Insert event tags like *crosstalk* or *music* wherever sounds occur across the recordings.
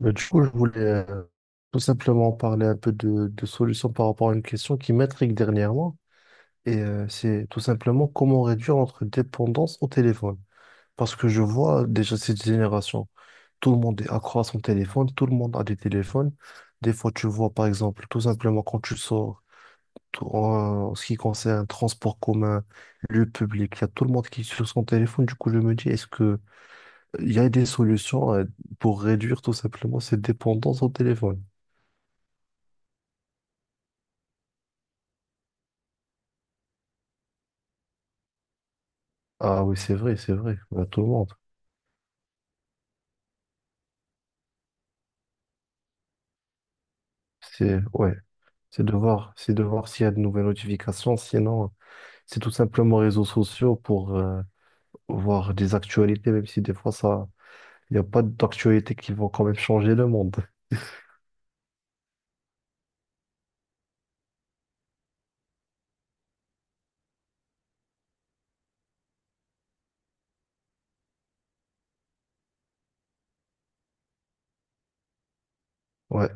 Bah, du coup, je voulais tout simplement parler un peu de solutions par rapport à une question qui m'intrigue dernièrement. Et c'est tout simplement comment réduire notre dépendance au téléphone. Parce que je vois déjà cette génération, tout le monde est accro à son téléphone, tout le monde a des téléphones. Des fois, tu vois, par exemple, tout simplement quand tu sors, ce qui concerne transport commun, lieu public, il y a tout le monde qui est sur son téléphone. Du coup, je me dis, est-ce que il y a des solutions pour réduire tout simplement cette dépendance au téléphone? Ah oui, c'est vrai, c'est vrai. Bah, tout le monde. C'est ouais, c'est de voir s'il y a de nouvelles notifications. Sinon, c'est tout simplement réseaux sociaux pour voir des actualités, même si des fois il n'y a pas d'actualités qui vont quand même changer le monde. Ouais,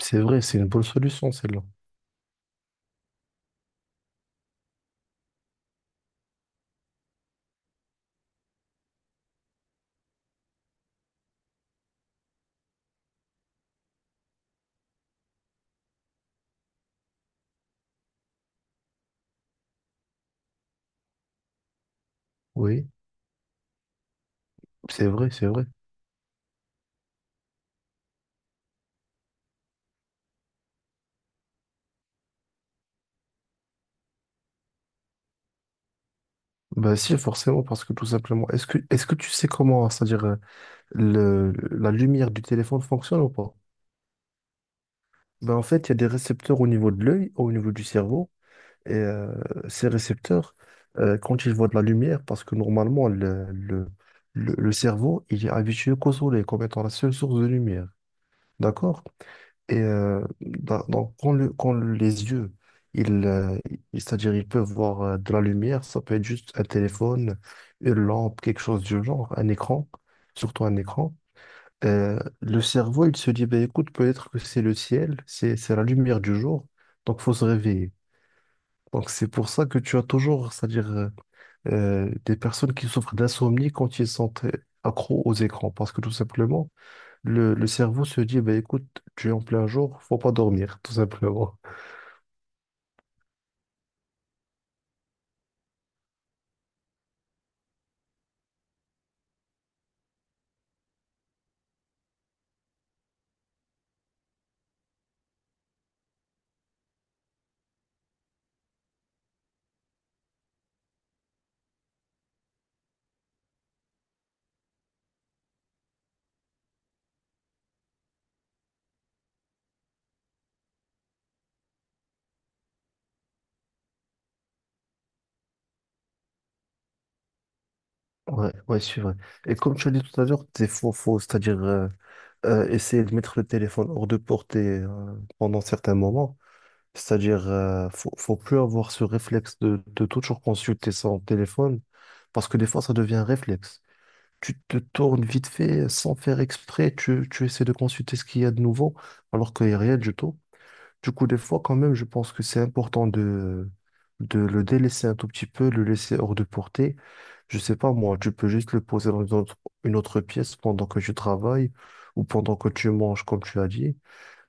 c'est vrai, c'est une bonne solution celle-là. Oui, c'est vrai, c'est vrai. Bah si, forcément, parce que tout simplement, est-ce que tu sais comment, c'est-à-dire la lumière du téléphone fonctionne ou pas? Ben en fait, il y a des récepteurs au niveau de l'œil, au niveau du cerveau. Et ces récepteurs, quand ils voient de la lumière, parce que normalement, le cerveau, il est habitué qu'au soleil comme étant la seule source de lumière. D'accord? Et donc, quand, quand les yeux, ils, euh, c'est-à-dire ils peuvent voir de la lumière, ça peut être juste un téléphone, une lampe, quelque chose du genre, un écran, surtout un écran. Le cerveau, il se dit, ben écoute, peut-être que c'est le ciel, c'est la lumière du jour, donc faut se réveiller. Donc c'est pour ça que tu as toujours, c'est-à-dire des personnes qui souffrent d'insomnie quand ils sont accros aux écrans, parce que tout simplement, le cerveau se dit, bah, écoute, tu es en plein jour, faut pas dormir, *laughs* tout simplement. Ouais, ouais, c'est vrai. Et comme tu as dit tout à l'heure, c'est faux, faux, c'est-à-dire essayer de mettre le téléphone hors de portée pendant certains moments, c'est-à-dire faut plus avoir ce réflexe de toujours consulter son téléphone, parce que des fois ça devient un réflexe. Tu te tournes vite fait sans faire exprès, tu essaies de consulter ce qu'il y a de nouveau, alors qu'il n'y a rien du tout. Du coup, des fois, quand même, je pense que c'est important de le délaisser un tout petit peu, le laisser hors de portée. Je sais pas, moi, tu peux juste le poser dans une autre pièce pendant que tu travailles ou pendant que tu manges, comme tu as dit.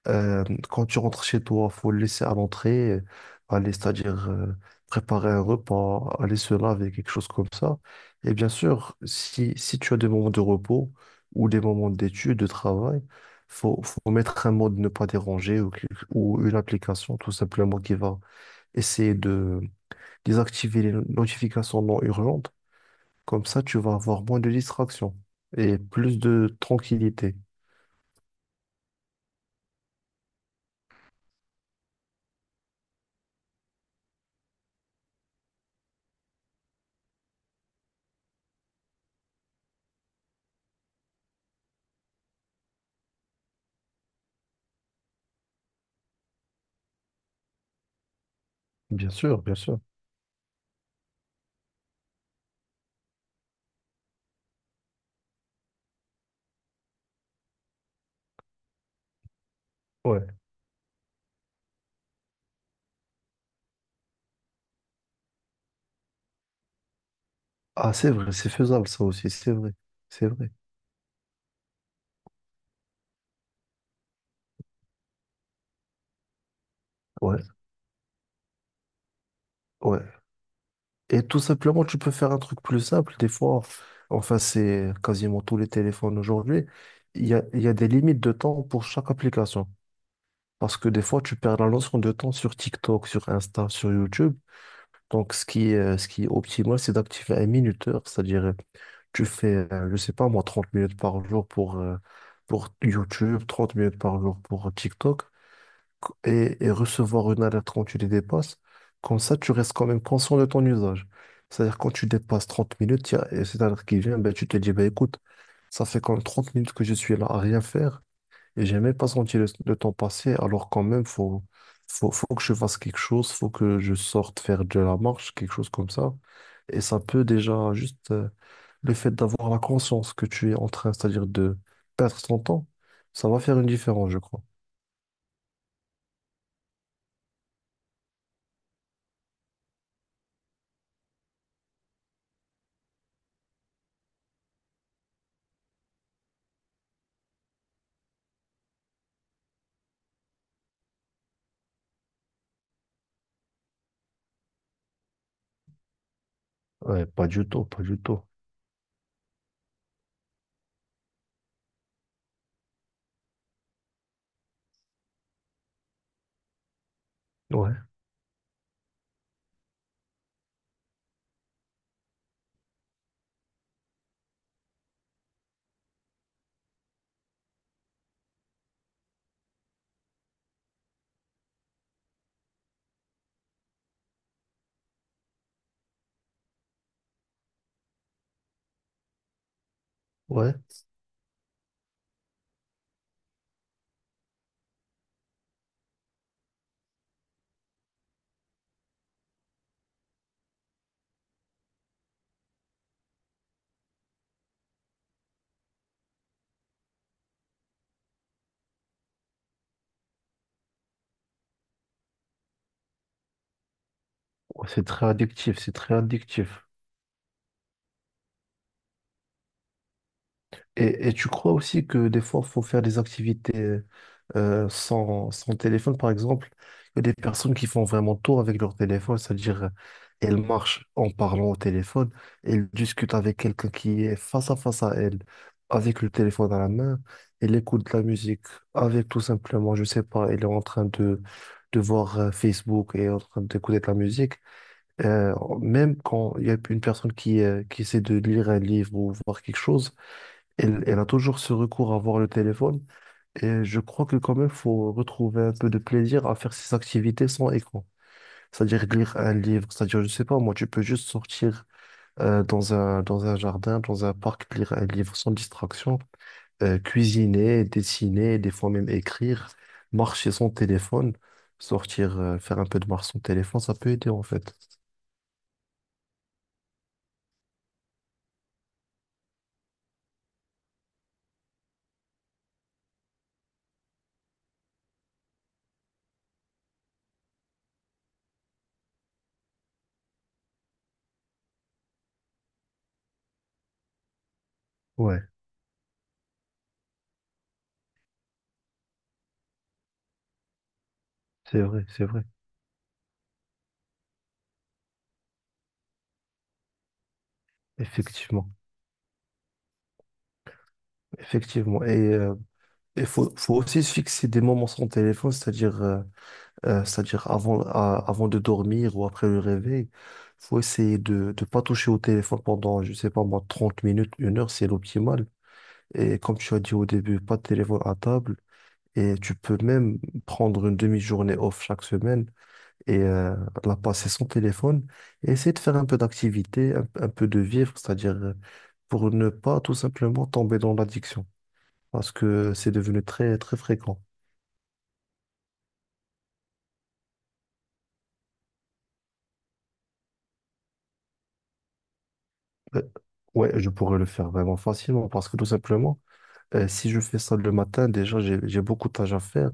Euh, Quand tu rentres chez toi, faut le laisser à l'entrée, aller, c'est-à-dire préparer un repas, aller se laver, quelque chose comme ça. Et bien sûr, si tu as des moments de repos ou des moments d'études, de travail, faut mettre un mode ne pas déranger ou, ou une application tout simplement qui va essayer de désactiver les notifications non urgentes. Comme ça, tu vas avoir moins de distractions et plus de tranquillité. Bien sûr, bien sûr. Ouais. Ah, c'est vrai, c'est faisable ça aussi, c'est vrai. C'est vrai. Ouais, ouais. Et tout simplement, tu peux faire un truc plus simple. Des fois, enfin, c'est quasiment tous les téléphones aujourd'hui. Il y a des limites de temps pour chaque application. Parce que des fois, tu perds la notion de temps sur TikTok, sur Insta, sur YouTube. Donc, ce qui est optimal, c'est d'activer un minuteur. C'est-à-dire, tu fais, je sais pas moi, 30 minutes par jour pour YouTube, 30 minutes par jour pour TikTok. Et recevoir une alerte quand tu les dépasses. Comme ça, tu restes quand même conscient de ton usage. C'est-à-dire, quand tu dépasses 30 minutes, il y a et cette alerte qui vient, ben, tu te dis, ben, écoute, ça fait quand même 30 minutes que je suis là à rien faire et j'ai même pas senti le temps passer. Alors, quand même, faut que je fasse quelque chose, faut que je sorte faire de la marche, quelque chose comme ça. Et ça peut déjà, juste le fait d'avoir la conscience que tu es en train, c'est-à-dire de perdre ton temps, ça va faire une différence, je crois. Ouais, pas du tout, pas du tout. Ouais. Ouais, ouais, c'est très addictif, c'est très addictif. Et tu crois aussi que des fois, il faut faire des activités sans téléphone, par exemple. Il y a des personnes qui font vraiment tout avec leur téléphone, c'est-à-dire elles marchent en parlant au téléphone, elles discutent avec quelqu'un qui est face à face à elles, avec le téléphone à la main, elles écoutent de la musique avec tout simplement, je sais pas, elle est en train de voir Facebook et en train d'écouter de la musique. Euh, Même quand il y a une personne qui essaie de lire un livre ou voir quelque chose, elle a toujours ce recours à voir le téléphone. Et je crois que quand même, faut retrouver un peu de plaisir à faire ces activités sans écran. C'est-à-dire lire un livre, c'est-à-dire, je sais pas, moi, tu peux juste sortir dans un jardin, dans un parc, lire un livre sans distraction, cuisiner, dessiner, des fois même écrire, marcher sans téléphone, sortir, faire un peu de marche sans téléphone, ça peut aider en fait. Ouais, c'est vrai, c'est vrai. Effectivement, effectivement. Et il faut aussi se fixer des moments sans téléphone, c'est-à-dire c'est-à-dire avant, avant de dormir ou après le réveil. Il faut essayer de ne pas toucher au téléphone pendant, je sais pas moi, 30 minutes, une heure, c'est l'optimal. Et comme tu as dit au début, pas de téléphone à table. Et tu peux même prendre une demi-journée off chaque semaine et la passer sans téléphone. Et essayer de faire un peu d'activité, un peu de vivre, c'est-à-dire pour ne pas tout simplement tomber dans l'addiction. Parce que c'est devenu très très fréquent. Euh, ouais, je pourrais le faire vraiment facilement parce que tout simplement, si je fais ça le matin, déjà j'ai beaucoup de tâches à faire.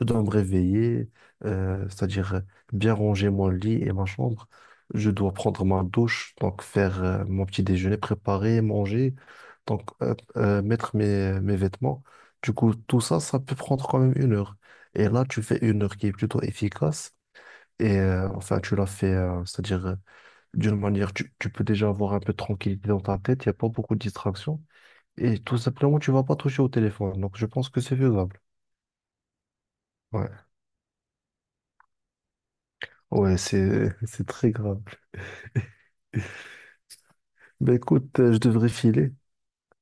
Je dois me réveiller, c'est-à-dire bien ranger mon lit et ma chambre. Je dois prendre ma douche, donc faire mon petit déjeuner, préparer, manger, donc mettre mes vêtements. Du coup, tout ça, ça peut prendre quand même une heure. Et là, tu fais une heure qui est plutôt efficace. Et enfin, tu l'as fait, c'est-à-dire, d'une manière, tu peux déjà avoir un peu de tranquillité dans ta tête, il n'y a pas beaucoup de distractions. Et tout simplement, tu vas pas toucher au téléphone. Donc, je pense que c'est faisable. Ouais, ouais, c'est, *laughs* c'est très grave. *laughs* Ben écoute, je devrais filer.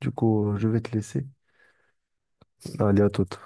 Du coup, je vais te laisser. Allez, à toute.